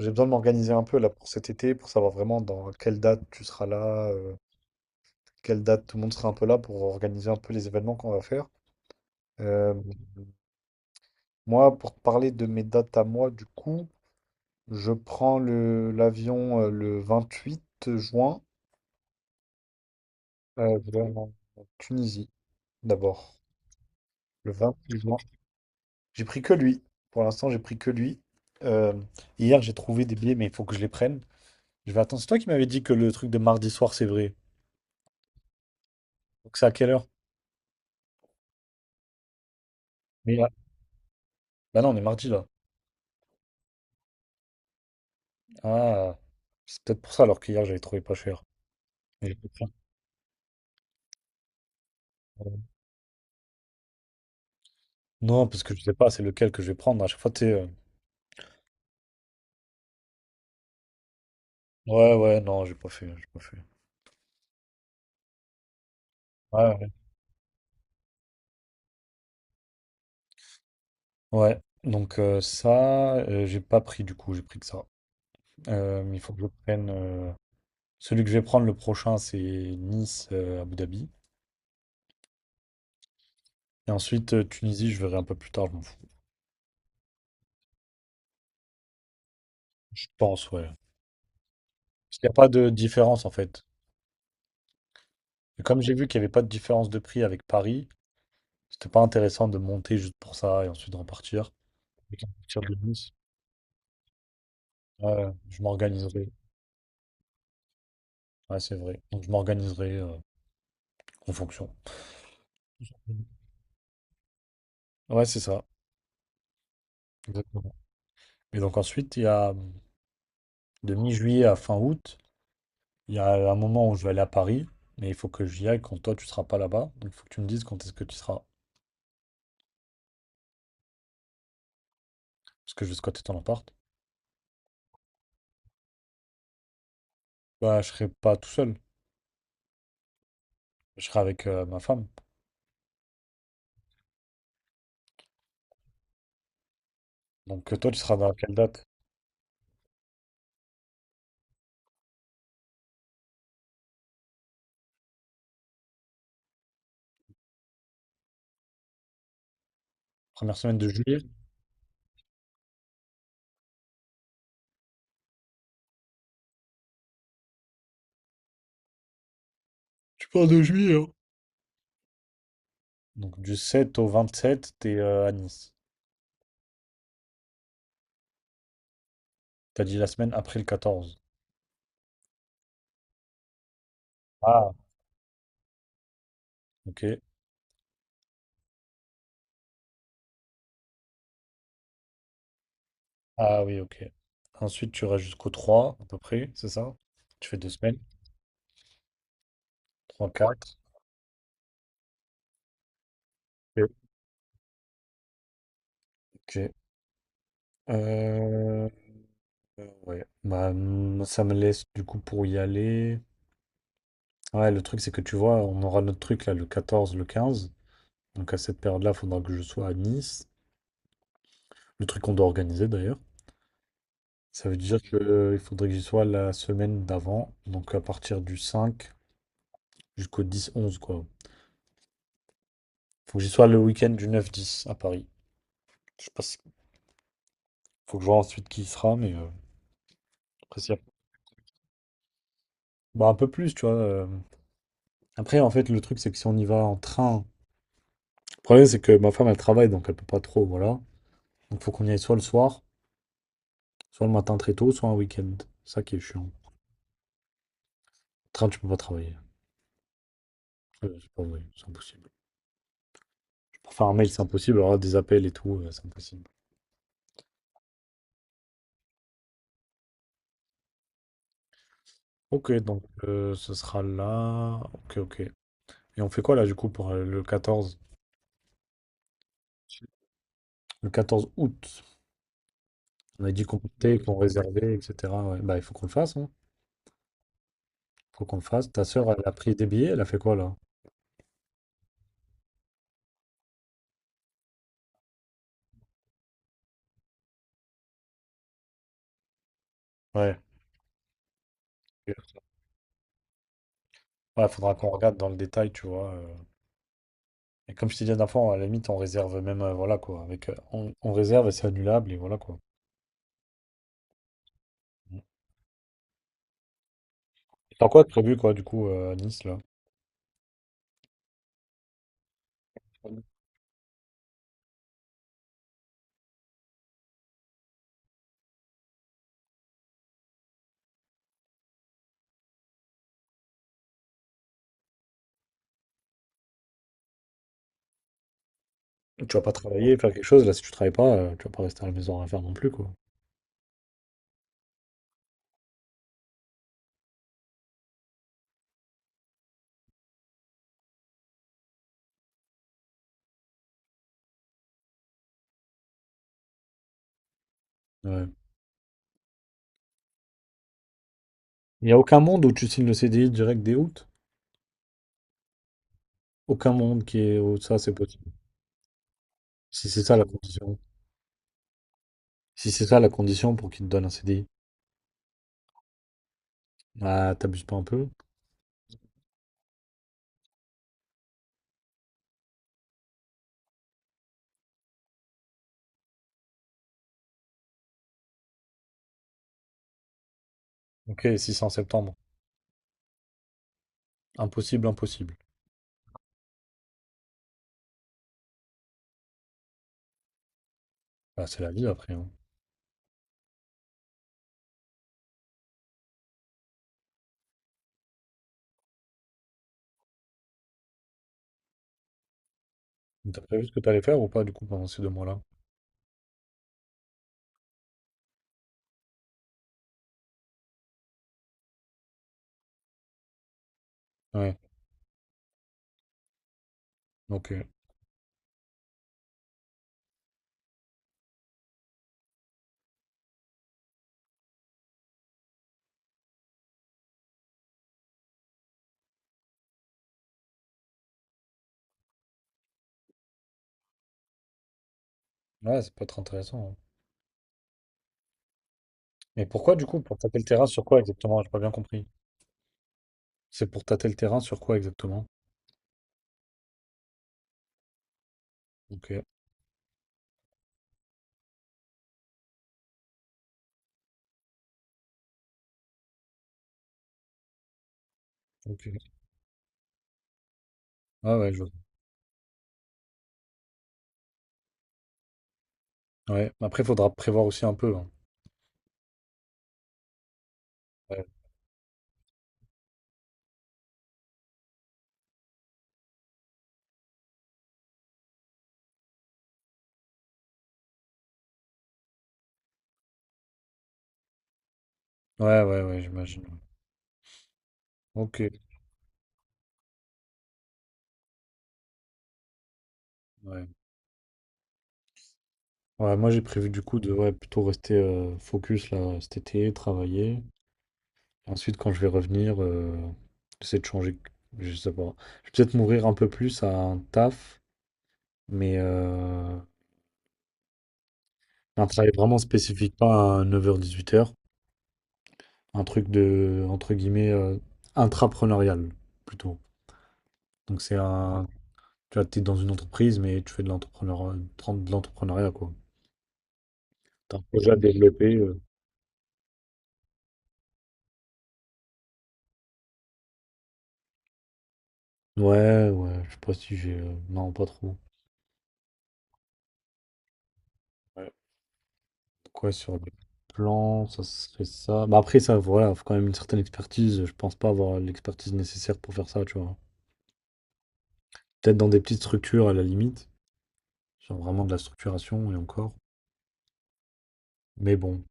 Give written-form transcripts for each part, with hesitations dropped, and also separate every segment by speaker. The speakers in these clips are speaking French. Speaker 1: J'ai besoin de m'organiser un peu là pour cet été, pour savoir vraiment dans quelle date tu seras là, quelle date tout le monde sera un peu là pour organiser un peu les événements qu'on va faire. Euh, Moi, pour te parler de mes dates à moi, du coup, je prends le l'avion le 28 juin, je vais en Tunisie d'abord. Le 28 juin. J'ai pris que lui. Pour l'instant, j'ai pris que lui. Euh, Hier, j'ai trouvé des billets, mais il faut que je les prenne. Je vais attendre. C'est toi qui m'avais dit que le truc de mardi soir, c'est vrai. Donc c'est à quelle heure? Mais- Bah non, on est mardi là. Ah, c'est peut-être pour ça alors qu'hier j'avais trouvé pas cher. Mais j'ai pas pris. Ouais. Non, parce que je sais pas c'est lequel que je vais prendre. À chaque fois, tu sais. Ouais, ouais, non, j'ai pas fait, j'ai pas fait. Ouais, ouais. Ouais, donc, ça, j'ai pas pris du coup, j'ai pris que ça. Mais il faut que je prenne. Celui que je vais prendre le prochain, c'est Nice, Abu Dhabi. Et ensuite, Tunisie, je verrai un peu plus tard, je m'en fous. Je pense, ouais. Parce qu'il n'y a pas de différence en fait. Et comme j'ai vu qu'il n'y avait pas de différence de prix avec Paris, c'était pas intéressant de monter juste pour ça et ensuite de repartir. Avec une culture de business. Ouais, je m'organiserai. Ouais, c'est vrai. Donc je m'organiserai en fonction. Ouais, c'est ça. Exactement. Et donc ensuite, il y a de mi-juillet à fin août, il y a un moment où je vais aller à Paris, mais il faut que j'y aille quand toi tu seras pas là-bas. Donc il faut que tu me dises quand est-ce que tu seras. Parce que je vais squatter ton appart. Bah, je serai pas tout seul. Je serai avec ma femme. Donc, toi, tu seras dans quelle date? Première semaine de juillet? Tu parles de juillet, hein? Donc du 7 au 27, t'es à Nice. T'as dit la semaine après le 14. Ah, ok. Ah oui, ok. Ensuite, tu iras jusqu'au 3 à peu près, c'est ça? Tu fais deux semaines. Trois quatre. Ok. Ok. Euh, ouais. Bah, ça me laisse du coup pour y aller. Ouais, le truc, c'est que tu vois, on aura notre truc là le 14 le 15. Donc à cette période-là, il faudra que je sois à Nice. Le truc qu'on doit organiser d'ailleurs. Ça veut dire que, il faudrait que j'y sois la semaine d'avant. Donc à partir du 5 jusqu'au 10 11 quoi. Faut que j'y sois le week-end du 9 10 à Paris. Je sais pas si. Faut que je vois ensuite qui y sera, mais après, bah, un peu plus, tu vois. Après, en fait, le truc, c'est que si on y va en train, le problème, c'est que ma femme, elle travaille, donc elle peut pas trop, voilà. Donc, faut qu'on y aille soit le soir, soit le matin très tôt, soit un week-end. C'est ça qui est chiant. Train, tu peux pas travailler. C'est pas vrai, c'est impossible. Pour faire un mail, c'est impossible. Alors là, des appels et tout, c'est impossible. Ok, donc ce sera là. Ok, ok. Et on fait quoi là, du coup, pour le 14, le 14 août? On a dit qu'on comptait, qu'on réservait, etc. Ouais. Bah, il faut qu'on le fasse, hein. Faut qu'on le fasse. Ta sœur, elle a pris des billets, elle a fait quoi là? Ouais. Ouais, faudra qu'on regarde dans le détail, tu vois. Et comme je t'ai dit la dernière fois, à la limite, on réserve même, voilà quoi. Avec, on réserve et c'est annulable et voilà quoi. Et t'as quoi de prévu quoi, du coup, à Nice là? Tu vas pas travailler, faire quelque chose. Là, si tu travailles pas, tu vas pas rester à la maison à rien faire non plus, quoi. Ouais. Il n'y a aucun monde où tu signes le CDI direct dès août. Aucun monde qui est où ça, c'est possible. Si c'est ça la condition. Si c'est ça la condition pour qu'il te donne un CDI. Ah, t'abuses pas un peu. Ok, 6 en septembre. Impossible, impossible. Bah, c'est la vie après, hein. Donc, t'as prévu ce que t'allais faire ou pas du coup pendant ces deux mois-là? Ouais, donc ouais, c'est pas très intéressant, hein. Mais pourquoi du coup? Pour tâter le terrain sur quoi exactement? J'ai pas bien compris. C'est pour tâter le terrain sur quoi exactement? Ok, ok. Ah ouais, je vois. Ouais. Après, faudra prévoir aussi un peu, hein. Ouais, ouais, ouais, ouais, j'imagine, ouais. Ok, ouais. Ouais, moi j'ai prévu du coup de ouais, plutôt rester focus là cet été, travailler. Ensuite, quand je vais revenir, j'essaie de changer. Je sais pas. Je vais peut-être m'ouvrir un peu plus à un taf, mais un travail vraiment spécifique, pas un 9h-18h. Un truc de, entre guillemets, intrapreneurial, plutôt. Donc, c'est un. Tu vois, t'es dans une entreprise, mais tu fais de l'entrepreneur, de l'entrepreneuriat, quoi. T'as un projet à développer. Ouais, ouais, je sais pas si j'ai. Non, pas trop. Ouais. Quoi sur le plan, ça serait ça. Bah après ça, voilà, faut quand même une certaine expertise. Je pense pas avoir l'expertise nécessaire pour faire ça, tu vois. Peut-être dans des petites structures à la limite, genre vraiment de la structuration et encore. Mais bon,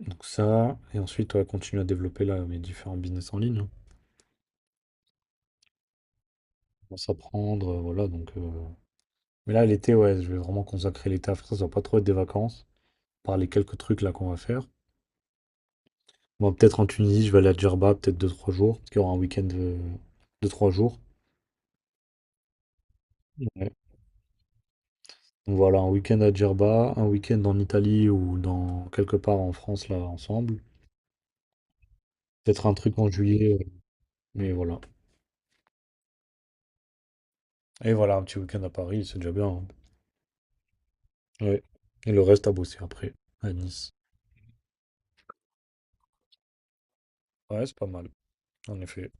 Speaker 1: donc ça, et ensuite ouais, continuer à développer là mes différents business en ligne, hein. Bon, s'apprendre, voilà, donc. Mais là l'été, ouais, je vais vraiment consacrer l'été à faire ça. Ça va pas trop être des vacances, par les quelques trucs là qu'on va faire. Bon, peut-être en Tunisie, je vais aller à Djerba, peut-être deux trois jours, parce qu'il y aura un week-end de deux trois jours. Ouais. Donc voilà, un week-end à Djerba, un week-end en Italie ou dans quelque part en France là ensemble. Peut-être un truc en juillet, mais voilà. Et voilà, un petit week-end à Paris, c'est déjà bien, hein. Ouais. Et le reste à bosser après, à Nice. Ouais, c'est pas mal, en effet.